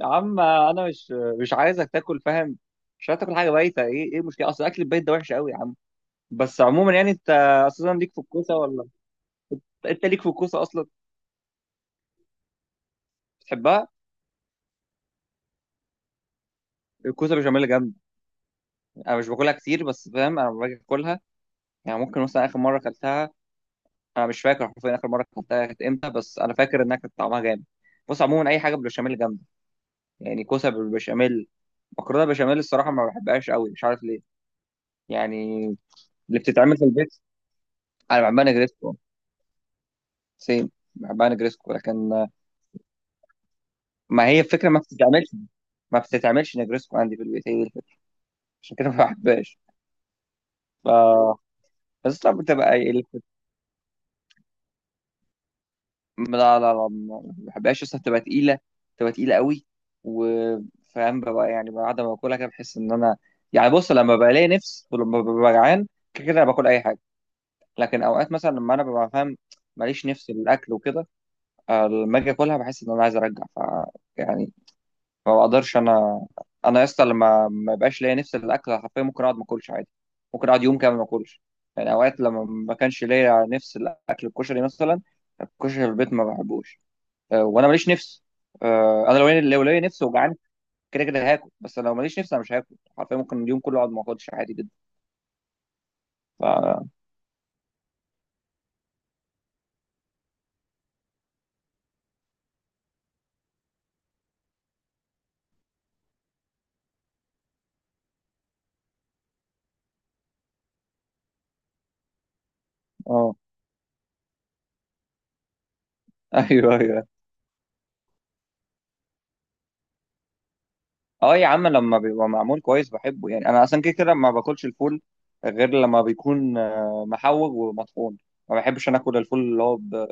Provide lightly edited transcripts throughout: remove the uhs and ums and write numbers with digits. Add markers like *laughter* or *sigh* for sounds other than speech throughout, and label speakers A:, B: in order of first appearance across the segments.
A: يا عم، انا مش عايزك تاكل. فاهم؟ مش عايز تاكل حاجه بايته. ايه المشكله؟ اصل اكل البيت ده وحش قوي يا عم. بس عموما، يعني انت اساسا ليك في الكوسه ولا؟ انت ليك في الكوسه اصلا؟ بتحبها. الكوسه بشاميل جامد. انا مش باكلها كتير، بس فاهم انا لما باجي اكلها، يعني ممكن مثلا اخر مره اكلتها، انا مش فاكر حرفيا اخر مره اكلتها كانت امتى، بس انا فاكر انها كانت طعمها جامد. بص عموما اي حاجه بالبشاميل جامده. يعني كوسه بالبشاميل، مكرونه بشاميل، الصراحه ما بحبهاش قوي، مش عارف ليه. يعني اللي بتتعمل في البيت. انا بعملها جريت. سيم. بحبها نجريسكو، لكن ما هي الفكره، ما بتتعملش نجريسكو عندي في البيت، هي دي الفكره. عشان كده ما بحبهاش. ف بس طب بتبقى إيه الفكرة؟ لا لا لا، ما بحبهاش اصلا، بتبقى تقيله قوي. وفاهم بقى، يعني بعد ما باكلها كده بحس ان انا، يعني بص لما بلاقي نفس ولما ببقى جعان، كده كده باكل اي حاجه. لكن اوقات مثلا لما انا ببقى فاهم، ماليش نفس للاكل وكده. لما اجي اكلها بحس ان انا عايز ارجع يعني ما بقدرش انا. انا يا اسطى لما ما يبقاش ليا نفس الاكل، حرفيا ممكن اقعد ما اكلش عادي، ممكن اقعد يوم كامل ما اكلش. يعني اوقات لما ما كانش ليا نفس الاكل، الكشري مثلا، الكشري في البيت ما بحبوش. وانا ماليش نفس. انا لو ليا نفس وجعان، كده كده هاكل. بس لو ماليش نفس انا مش هاكل، حرفيا ممكن اليوم كله اقعد ما اكلش عادي جدا. ف اه *laughs* ايوه ايوه. اه يا عم، لما بيبقى معمول كويس بحبه. يعني انا اصلا كده كده ما باكلش الفول غير لما بيكون محوج ومطحون. ما بحبش انا اكل الفول اللي هو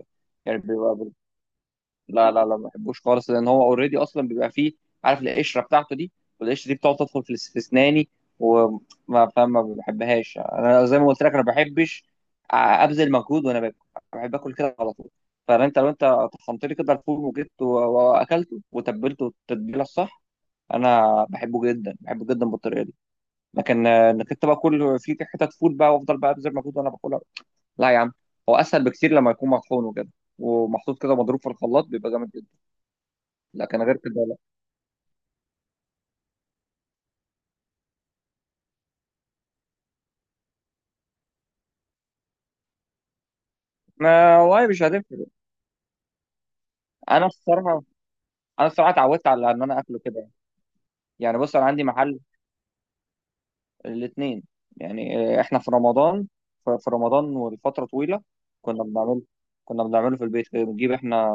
A: يعني بيبقى لا لا لا، ما بحبوش خالص، لان هو اوريدي اصلا بيبقى فيه، عارف القشره بتاعته دي، والقشره دي بتقعد تدخل في في اسناني. وما بحبهاش، انا زي ما قلت لك، انا ما بحبش ابذل مجهود وانا باكل. بحب اكل كده على طول. فانت لو انت طحنت لي كده الفول وجبته واكلته وتبلته التتبيله الصح، انا بحبه جدا، بحبه جدا بالطريقه دي. لكن انك انت بقى كل في حتت فول بقى، وافضل بقى ابذل مجهود وانا باكلها، لا يا عم. هو اسهل بكتير لما يكون مطحون وكده، ومحطوط كده، مضروب في الخلاط بيبقى جامد جدا. لكن غير كده لا. ما والله مش هتفرق. انا الصراحه انا الصراحه اتعودت على ان انا اكله كده. يعني بص انا عندي محل الاثنين. يعني احنا في رمضان، في رمضان والفتره طويله. كنا بنعمل كنا بنعمله في البيت كده، بنجيب احنا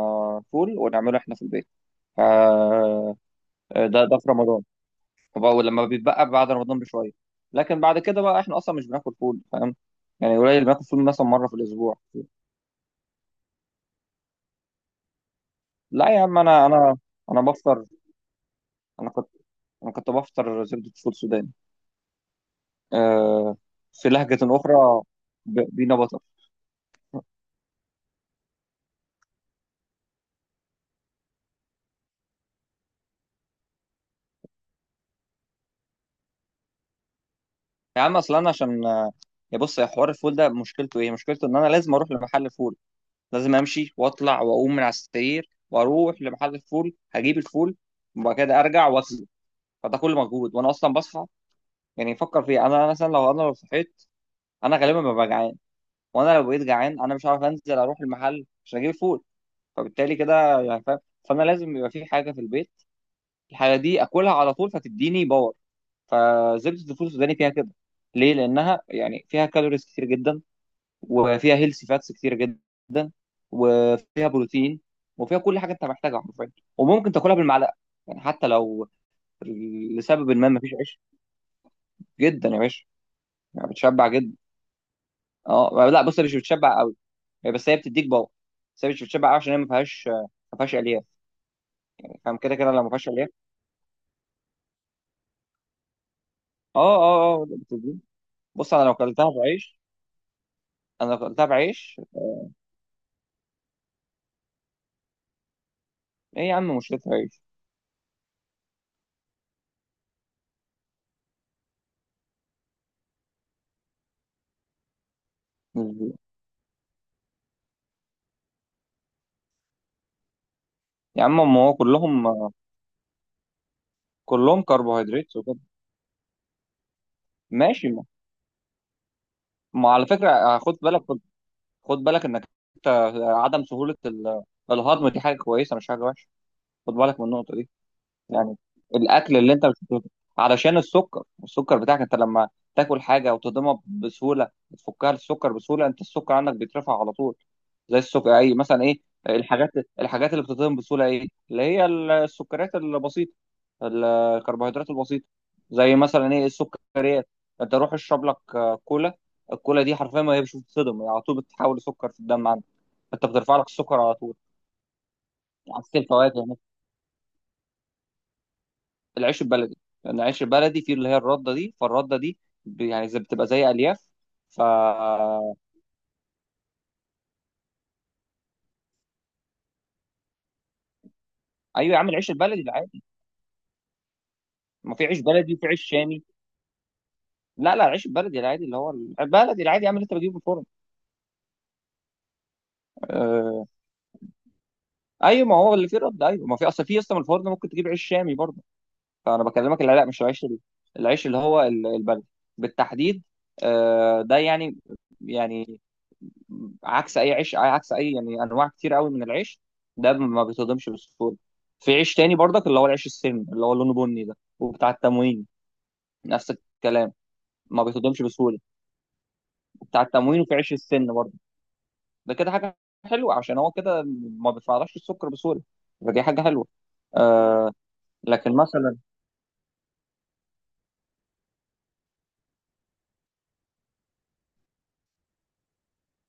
A: فول ونعمله احنا في البيت. ف- آه، ده في رمضان. وبقى لما بيتبقى بعد رمضان بشويه. لكن بعد كده بقى احنا اصلا مش بناكل فول، فاهم؟ يعني قليل بناكل فول، مثلا مره في الاسبوع. لا يا عم، انا انا بفطر. انا كنت انا كنت بفطر زبده فول سوداني. آه في لهجه اخرى، بينا بطر. يا عم اصلا انا عشان يا بص يا حوار، الفول ده مشكلته ايه؟ مشكلته ان انا لازم اروح لمحل فول، لازم امشي واطلع واقوم من على السرير واروح لمحل الفول هجيب الفول، وبعد كده ارجع واغسله. فده كل مجهود وانا اصلا بصحى. يعني فكر فيها، انا مثلا لو انا لو صحيت، انا غالبا ببقى جعان، وانا لو بقيت جعان انا مش عارف انزل اروح المحل عشان اجيب فول، فبالتالي كده يعني فاهم. فانا لازم يبقى في حاجه في البيت، الحاجه دي اكلها على طول فتديني باور. فزبده الفول السوداني فيها كده. ليه؟ لانها يعني فيها كالوريز كتير جدا، وفيها هيلثي فاتس كتير جدا، وفيها بروتين، وفيها كل حاجه انت محتاجها حرفيا. وممكن تاكلها بالمعلقه، يعني حتى لو لسبب ما مفيش عيش. جدا يا باشا، يعني بتشبع جدا. اه لا بص، هي مش بتشبع قوي. هي بتديك باور، بس هي مش بتشبع قوي عشان هي ما فيهاش، ما فيهاش الياف. فاهم، كده كده لو ما فيهاش الياف. اه اه اه اه، بتديك. بص انا لو كلتها بعيش ايه يا عم، مشكلتها عيش. يا عم ما هو كلهم كربوهيدرات وكده. ماشي ما. ما على فكره خد بالك خد بالك انك انت، عدم سهوله الهضم دي حاجه كويسه مش حاجه وحشه، خد بالك من النقطه دي. يعني الاكل اللي انت مش بتهضمه، علشان السكر بتاعك انت لما تاكل حاجه وتهضمها بسهوله بتفكها السكر بسهوله، انت السكر عندك بيترفع على طول. زي السكر، اي مثلا ايه الحاجات الحاجات اللي بتتهضم بسهوله، ايه اللي هي السكريات البسيطه، الكربوهيدرات البسيطه. زي مثلا ايه السكريات؟ انت روح اشرب لك كولا. الكولا دي حرفيا ما هي مش بتتهضم، هي على طول بتتحول لسكر في الدم عندك، انت بترفع لك السكر على طول، عكس الفواكه. العيش البلدي، لان العيش البلدي فيه اللي هي الرده دي، فالرده دي يعني زي بتبقى زي الياف. فا ايوه يا عم، العيش البلدي العادي. ما في عيش بلدي وفي عيش شامي. لا لا، العيش البلدي العادي اللي هو البلدي العادي يا عم، اللي انت بتجيبه من الفرن. آه... ايوه ما هو اللي فيه رد. ايوه ما في اصلا من الفرن ممكن تجيب عيش شامي برضه. فانا بكلمك اللي لا، مش العيش العيش اللي هو البلدي بالتحديد. ده يعني عكس اي عيش، عكس اي يعني انواع كتير قوي من العيش، ده ما بيتهضمش بسهوله. في عيش تاني برضك، اللي هو العيش السن اللي هو لونه بني ده، وبتاع التموين، نفس الكلام، ما بيتهضمش بسهوله. بتاع التموين وفي عيش السن برضه، ده كده حاجه حلوه، عشان هو كده ما بيفعلش السكر بسهوله، فدي حاجه حلوه. آه لكن مثلا،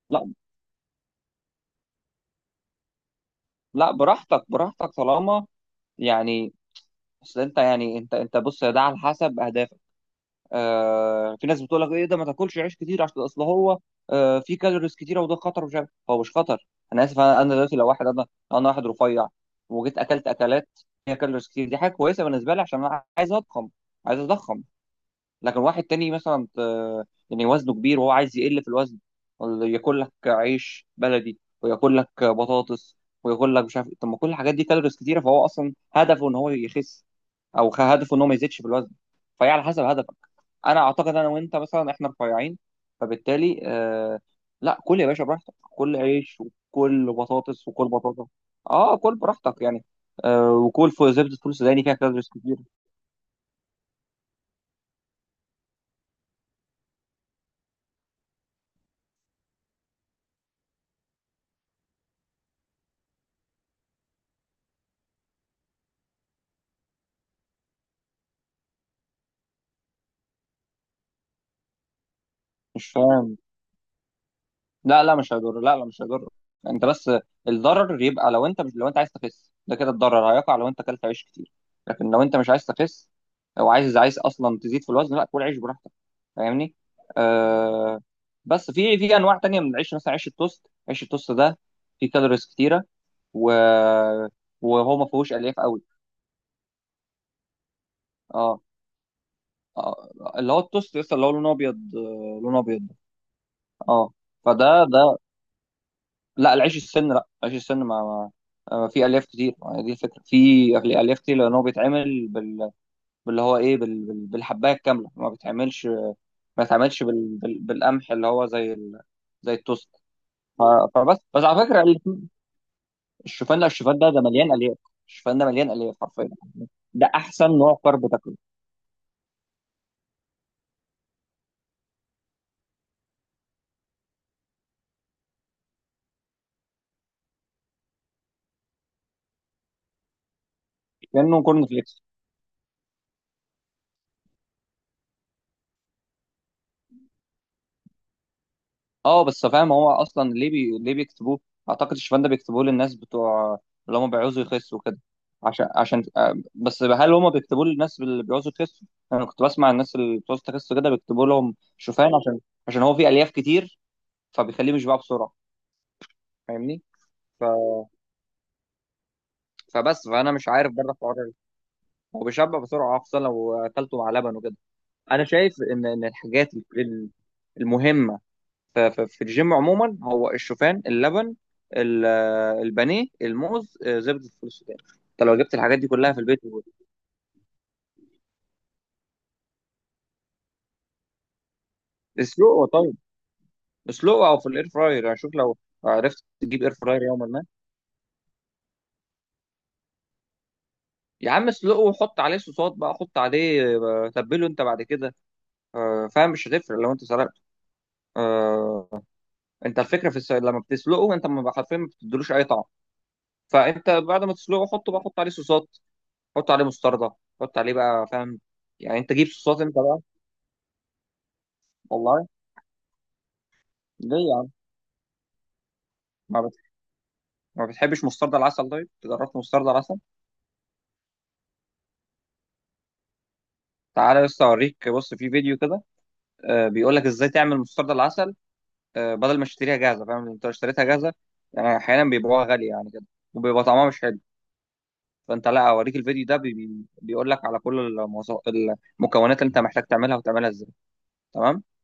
A: لا لا، براحتك براحتك، طالما يعني اصل انت، يعني انت بص، ده على حسب اهدافك. في ناس بتقول لك ايه ده، ما تاكلش عيش كتير عشان اصل هو في كالوريز كتيره وده خطر، ومش عارف هو مش خطر. انا اسف، أنا دلوقتي لو واحد انا، انا واحد رفيع، وجيت اكلت اكلات فيها كالوريز كتير، دي حاجه كويسه بالنسبه لي عشان انا عايز اضخم، عايز اضخم. لكن واحد تاني مثلا يعني وزنه كبير وهو عايز يقل في الوزن، ولا ياكل لك عيش بلدي وياكل لك بطاطس وياكل لك مش عارف إيه. طب ما كل الحاجات دي كالوريز كتيره، فهو اصلا هدفه ان هو يخس، او هدفه ان هو ما يزيدش في الوزن، فهي على حسب هدفك. انا اعتقد انا وانت مثلا احنا رفيعين، فبالتالي لا كل يا باشا براحتك، كل عيش وكل بطاطس وكل بطاطا، اه كل براحتك يعني. وكل فوق زبده فول سوداني فيها كالوريز كتير. مش فاهم؟ لا لا مش هيضر، لا لا مش هيضر. انت بس الضرر يبقى لو انت مش، لو انت عايز تخس، ده كده الضرر هيقع لو انت اكلت عيش كتير. لكن لو انت مش عايز تخس، او عايز اصلا تزيد في الوزن، لا كل عيش براحتك، فاهمني؟ آه بس في انواع تانية من العيش، مثلا عيش التوست، عيش التوست ده فيه كالوريز كتيره، و... وهو ما فيهوش الياف قوي. اه، آه، اللي هو التوست لسه اللي هو لونه ابيض، لونه ابيض. اه، ده لا، العيش السن، لا عيش السن، ما, ما في الياف كتير، دي الفكره، الياف كتير، لان هو بيتعمل باللي هو ايه، بالحبايه الكامله، ما بيتعملش بالقمح اللي هو زي زي التوست ف... بس على فكره الشوفان، لا الشوفان ده مليان الياف. الشوفان ده مليان الياف حرفيا. ده احسن نوع كارب تاكله. كانه كورن فليكس. اه بس فاهم، هو اصلا ليه ليه بيكتبوه. اعتقد الشوفان ده بيكتبوه للناس بتوع اللي هم بيعوزوا يخسوا كده، عشان بس هل هم بيكتبوه للناس اللي بيعوزوا يخسوا؟ انا كنت بسمع الناس اللي بتعوز تخس كده بيكتبوا لهم شوفان عشان، هو فيه الياف كتير، فبيخليه مش بقى بسرعه، فاهمني؟ ف... فبس فانا مش عارف بره الحوار ده. هو بيشبع بسرعه خصوصا لو اكلته مع لبن وكده. انا شايف ان الحاجات المهمه في الجيم عموما، هو الشوفان، اللبن، ال- البانيه، الموز، زبده الفول السوداني. انت لو جبت الحاجات دي كلها في البيت. اسلقه طيب، اسلقه او في الاير فراير، يعني شوف لو عرفت تجيب اير فراير يوما ما. يا عم اسلقه وحط عليه صوصات بقى، حط عليه تبله انت بعد كده، فاهم مش هتفرق لو انت سلقته. آه، انت الفكره في لما بتسلقه انت، ما حرفيا ما بتديلوش اي طعم، فانت بعد ما تسلقه حطه بقى، حط عليه صوصات، حط عليه مستردة، حط عليه بقى فاهم، يعني انت جيب صوصات انت بقى. والله ليه يا عم؟ ما, بت... ما بتحبش مسترد العسل؟ طيب جربت مسترد العسل؟ تعالى بس اوريك، بص في فيديو كده، بيقول لك ازاي تعمل مسترد العسل، بدل ما تشتريها جاهزه، فاهم؟ انت لو اشتريتها جاهزه يعني احيانا بيبيعوها غاليه يعني كده، وبيبقى طعمها مش حلو. فانت لا اوريك الفيديو ده، بيقول لك على كل المكونات اللي انت محتاج تعملها وتعملها ازاي. تمام.